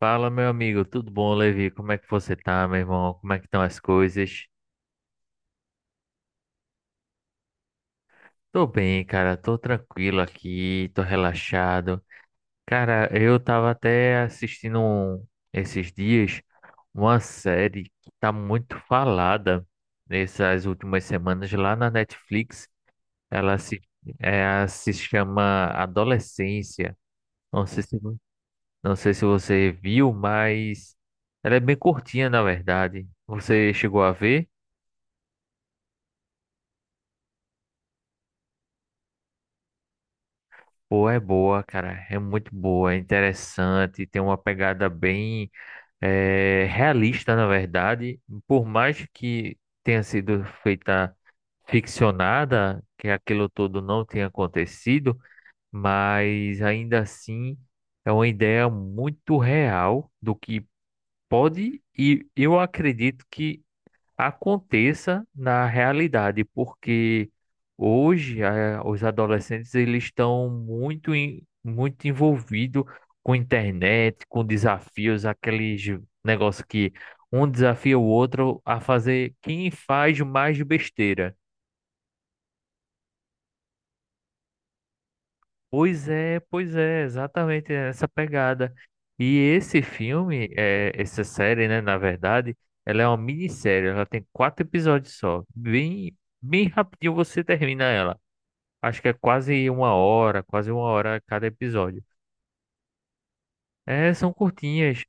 Fala, meu amigo, tudo bom, Levi? Como é que você tá, meu irmão? Como é que estão as coisas? Tô bem, cara, tô tranquilo aqui, tô relaxado. Cara, eu tava até assistindo esses dias uma série que tá muito falada nessas últimas semanas lá na Netflix. Ela se, é, Se chama Adolescência. Não sei se, não sei se você viu, mas ela é bem curtinha, na verdade. Você chegou a ver? Pô, é boa, cara. É muito boa, é interessante, tem uma pegada bem realista, na verdade. Por mais que tenha sido feita ficcionada, que aquilo todo não tenha acontecido, mas ainda assim é uma ideia muito real do que pode, e eu acredito que aconteça na realidade, porque hoje os adolescentes, eles estão muito envolvidos com internet, com desafios, aqueles negócio que um desafia o outro a fazer quem faz mais besteira. Pois é, exatamente essa pegada. E esse filme, essa série, né, na verdade, ela é uma minissérie, ela tem quatro episódios só, bem rapidinho você termina ela. Acho que é quase uma hora cada episódio. É, são curtinhas,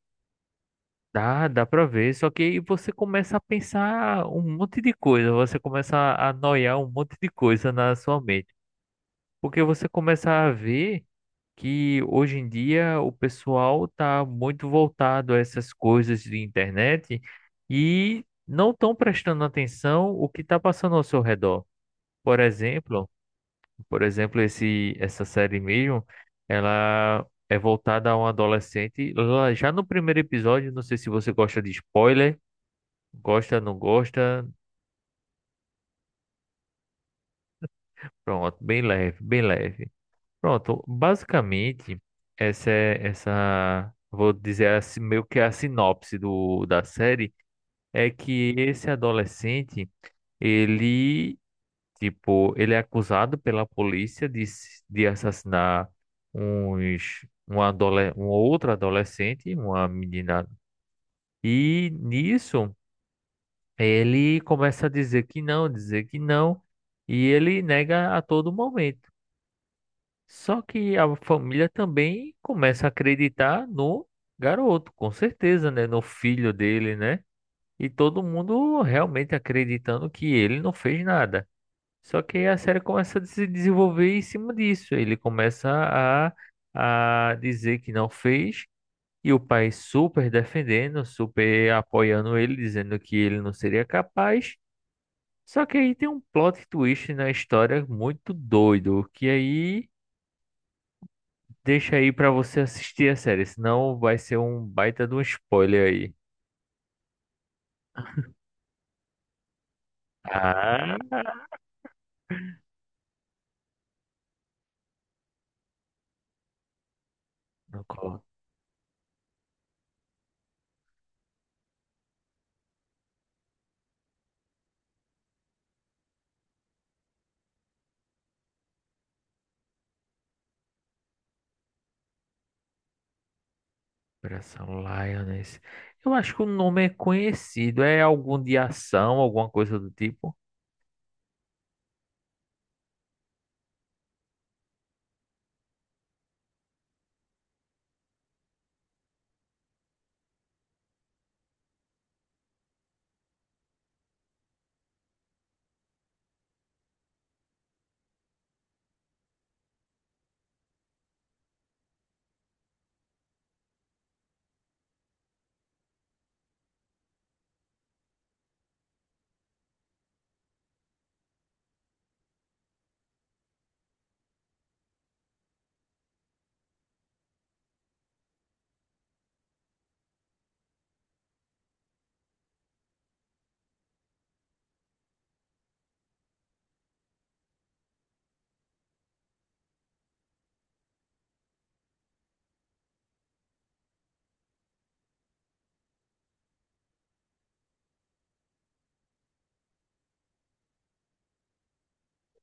dá pra ver, só que aí você começa a pensar um monte de coisa, você começa a noiar um monte de coisa na sua mente, porque você começa a ver que hoje em dia o pessoal tá muito voltado a essas coisas de internet e não estão prestando atenção o que está passando ao seu redor. Por exemplo, Por exemplo, essa série mesmo, ela é voltada a um adolescente. Lá, já no primeiro episódio, não sei se você gosta de spoiler, gosta, não gosta, pronto, bem leve, bem leve. Pronto, basicamente, essa é essa, vou dizer assim, meio que a sinopse da série, é que esse adolescente, ele tipo, ele é acusado pela polícia de assassinar um outro adolescente, uma menina. E nisso, ele começa a dizer que não, e ele nega a todo momento. Só que a família também começa a acreditar no garoto, com certeza, né? No filho dele, né? E todo mundo realmente acreditando que ele não fez nada. Só que a série começa a se desenvolver em cima disso. Ele começa a dizer que não fez, e o pai super defendendo, super apoiando ele, dizendo que ele não seria capaz. Só que aí tem um plot twist na história muito doido, que aí deixa aí pra você assistir a série, senão vai ser um baita de um spoiler aí. Ah, no colo. Operação Lioness. Eu acho que o nome é conhecido, é algum de ação, alguma coisa do tipo.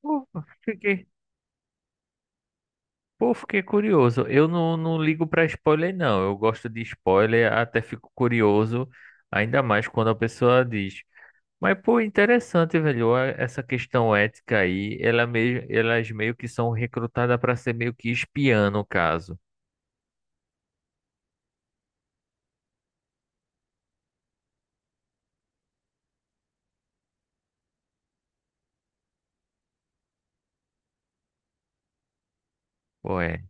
Pô, fiquei, Pô, fiquei curioso. Eu não, Não ligo pra spoiler, não. Eu gosto de spoiler, até fico curioso, ainda mais quando a pessoa diz. Mas, pô, interessante, velho. Essa questão ética aí, elas meio que são recrutadas pra ser meio que espiã, no caso. Pô, é.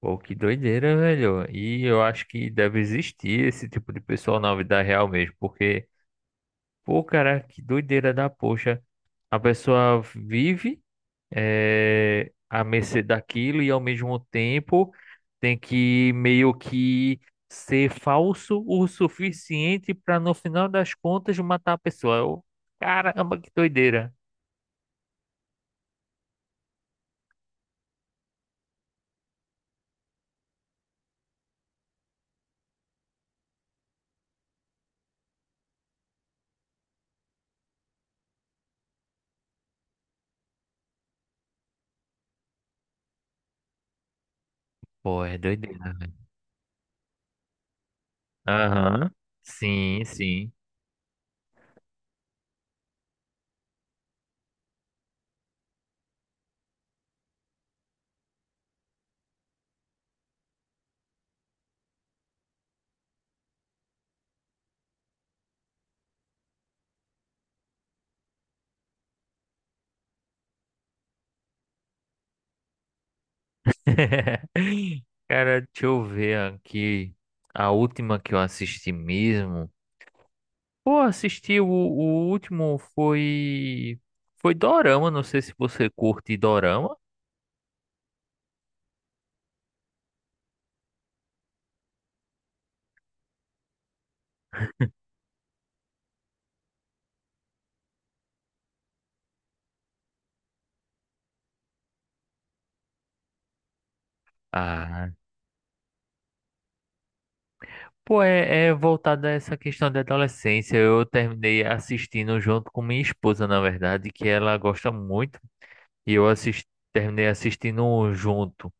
Pô, que doideira, velho. E eu acho que deve existir esse tipo de pessoal na vida real mesmo, porque, pô, cara, que doideira da poxa. A pessoa vive, é, à mercê daquilo e ao mesmo tempo tem que meio que ser falso o suficiente para no final das contas matar a pessoa. Eu, caramba, que doideira. Pô, é doideira, velho. Aham. Sim, sim. Cara, deixa eu ver aqui. A última que eu assisti mesmo. Pô, assisti o último foi. Foi Dorama. Não sei se você curte Dorama. Ah, pô, é, é voltado a essa questão da adolescência. Eu terminei assistindo junto com minha esposa, na verdade, que ela gosta muito. E eu assisti terminei assistindo junto.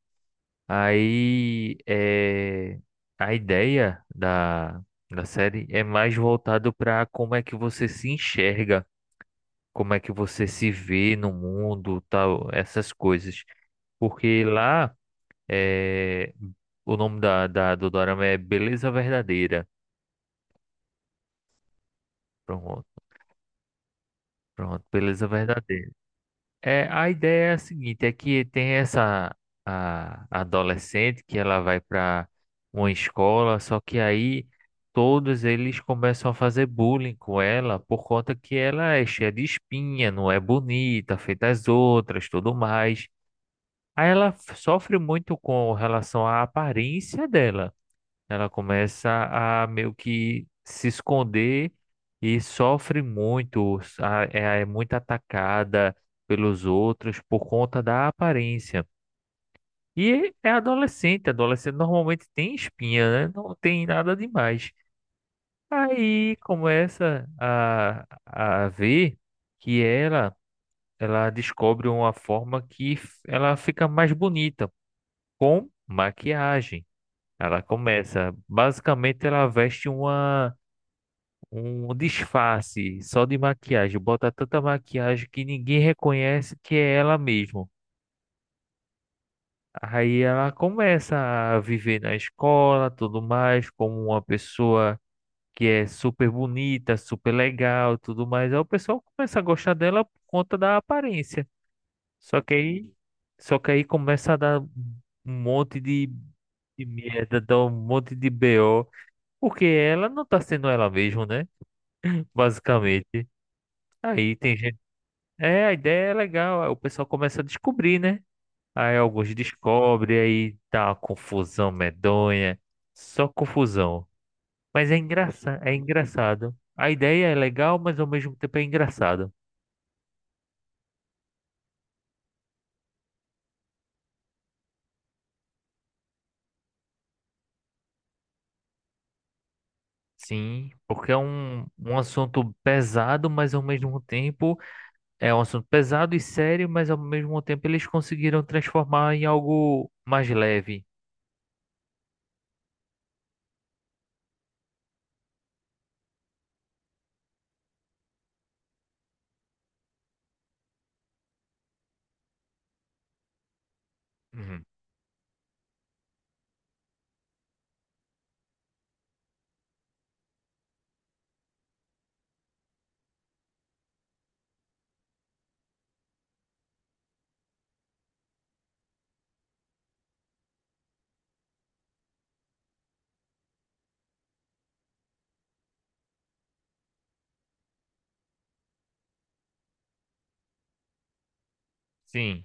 Aí, é, a ideia da série é mais voltado para como é que você se enxerga, como é que você se vê no mundo, tal, essas coisas. Porque lá, é, o nome do dorama é Beleza Verdadeira. Pronto. Pronto, beleza verdadeira. É, a ideia é a seguinte, é que tem essa a adolescente que ela vai para uma escola, só que aí todos eles começam a fazer bullying com ela por conta que ela é cheia de espinha, não é bonita, feita as outras, tudo mais. Aí ela sofre muito com relação à aparência dela. Ela começa a meio que se esconder e sofre muito, é muito atacada pelos outros por conta da aparência. E é adolescente, adolescente normalmente tem espinha, né? Não tem nada demais. Aí começa a ver que ela, ela descobre uma forma que ela fica mais bonita com maquiagem. Ela começa, basicamente ela veste uma um disfarce só de maquiagem, bota tanta maquiagem que ninguém reconhece que é ela mesmo. Aí ela começa a viver na escola, tudo mais, como uma pessoa que é super bonita, super legal, tudo mais. Aí o pessoal começa a gostar dela por conta da aparência. Só que aí, Só que aí começa a dar um monte de merda, dar um monte de BO, porque ela não tá sendo ela mesma, né? Basicamente. Aí tem gente. É, a ideia é legal. Aí o pessoal começa a descobrir, né? Aí alguns descobrem, aí tá uma confusão medonha. Só confusão. Mas é engraçado, é engraçado. A ideia é legal, mas ao mesmo tempo é engraçado. Sim, porque é um assunto pesado, mas ao mesmo tempo é um assunto pesado e sério, mas ao mesmo tempo eles conseguiram transformar em algo mais leve. Uhum. Sim,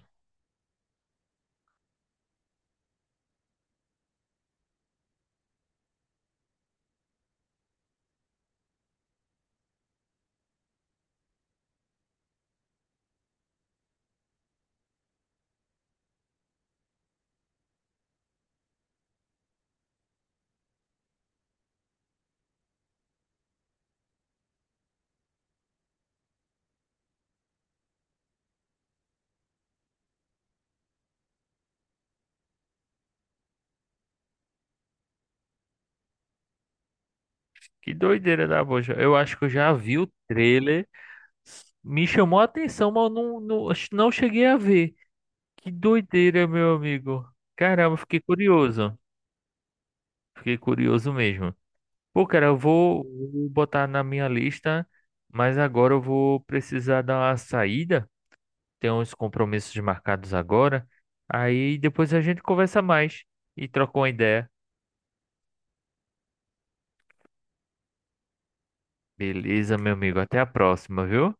que doideira da bocha. Eu acho que eu já vi o trailer. Me chamou a atenção, mas eu não, acho que não cheguei a ver. Que doideira, meu amigo. Caramba, fiquei curioso. Fiquei curioso mesmo. Pô, cara, vou botar na minha lista, mas agora eu vou precisar dar uma saída. Tem uns compromissos marcados agora. Aí depois a gente conversa mais e troca uma ideia. Beleza, meu amigo. Até a próxima, viu?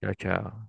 Tchau, tchau.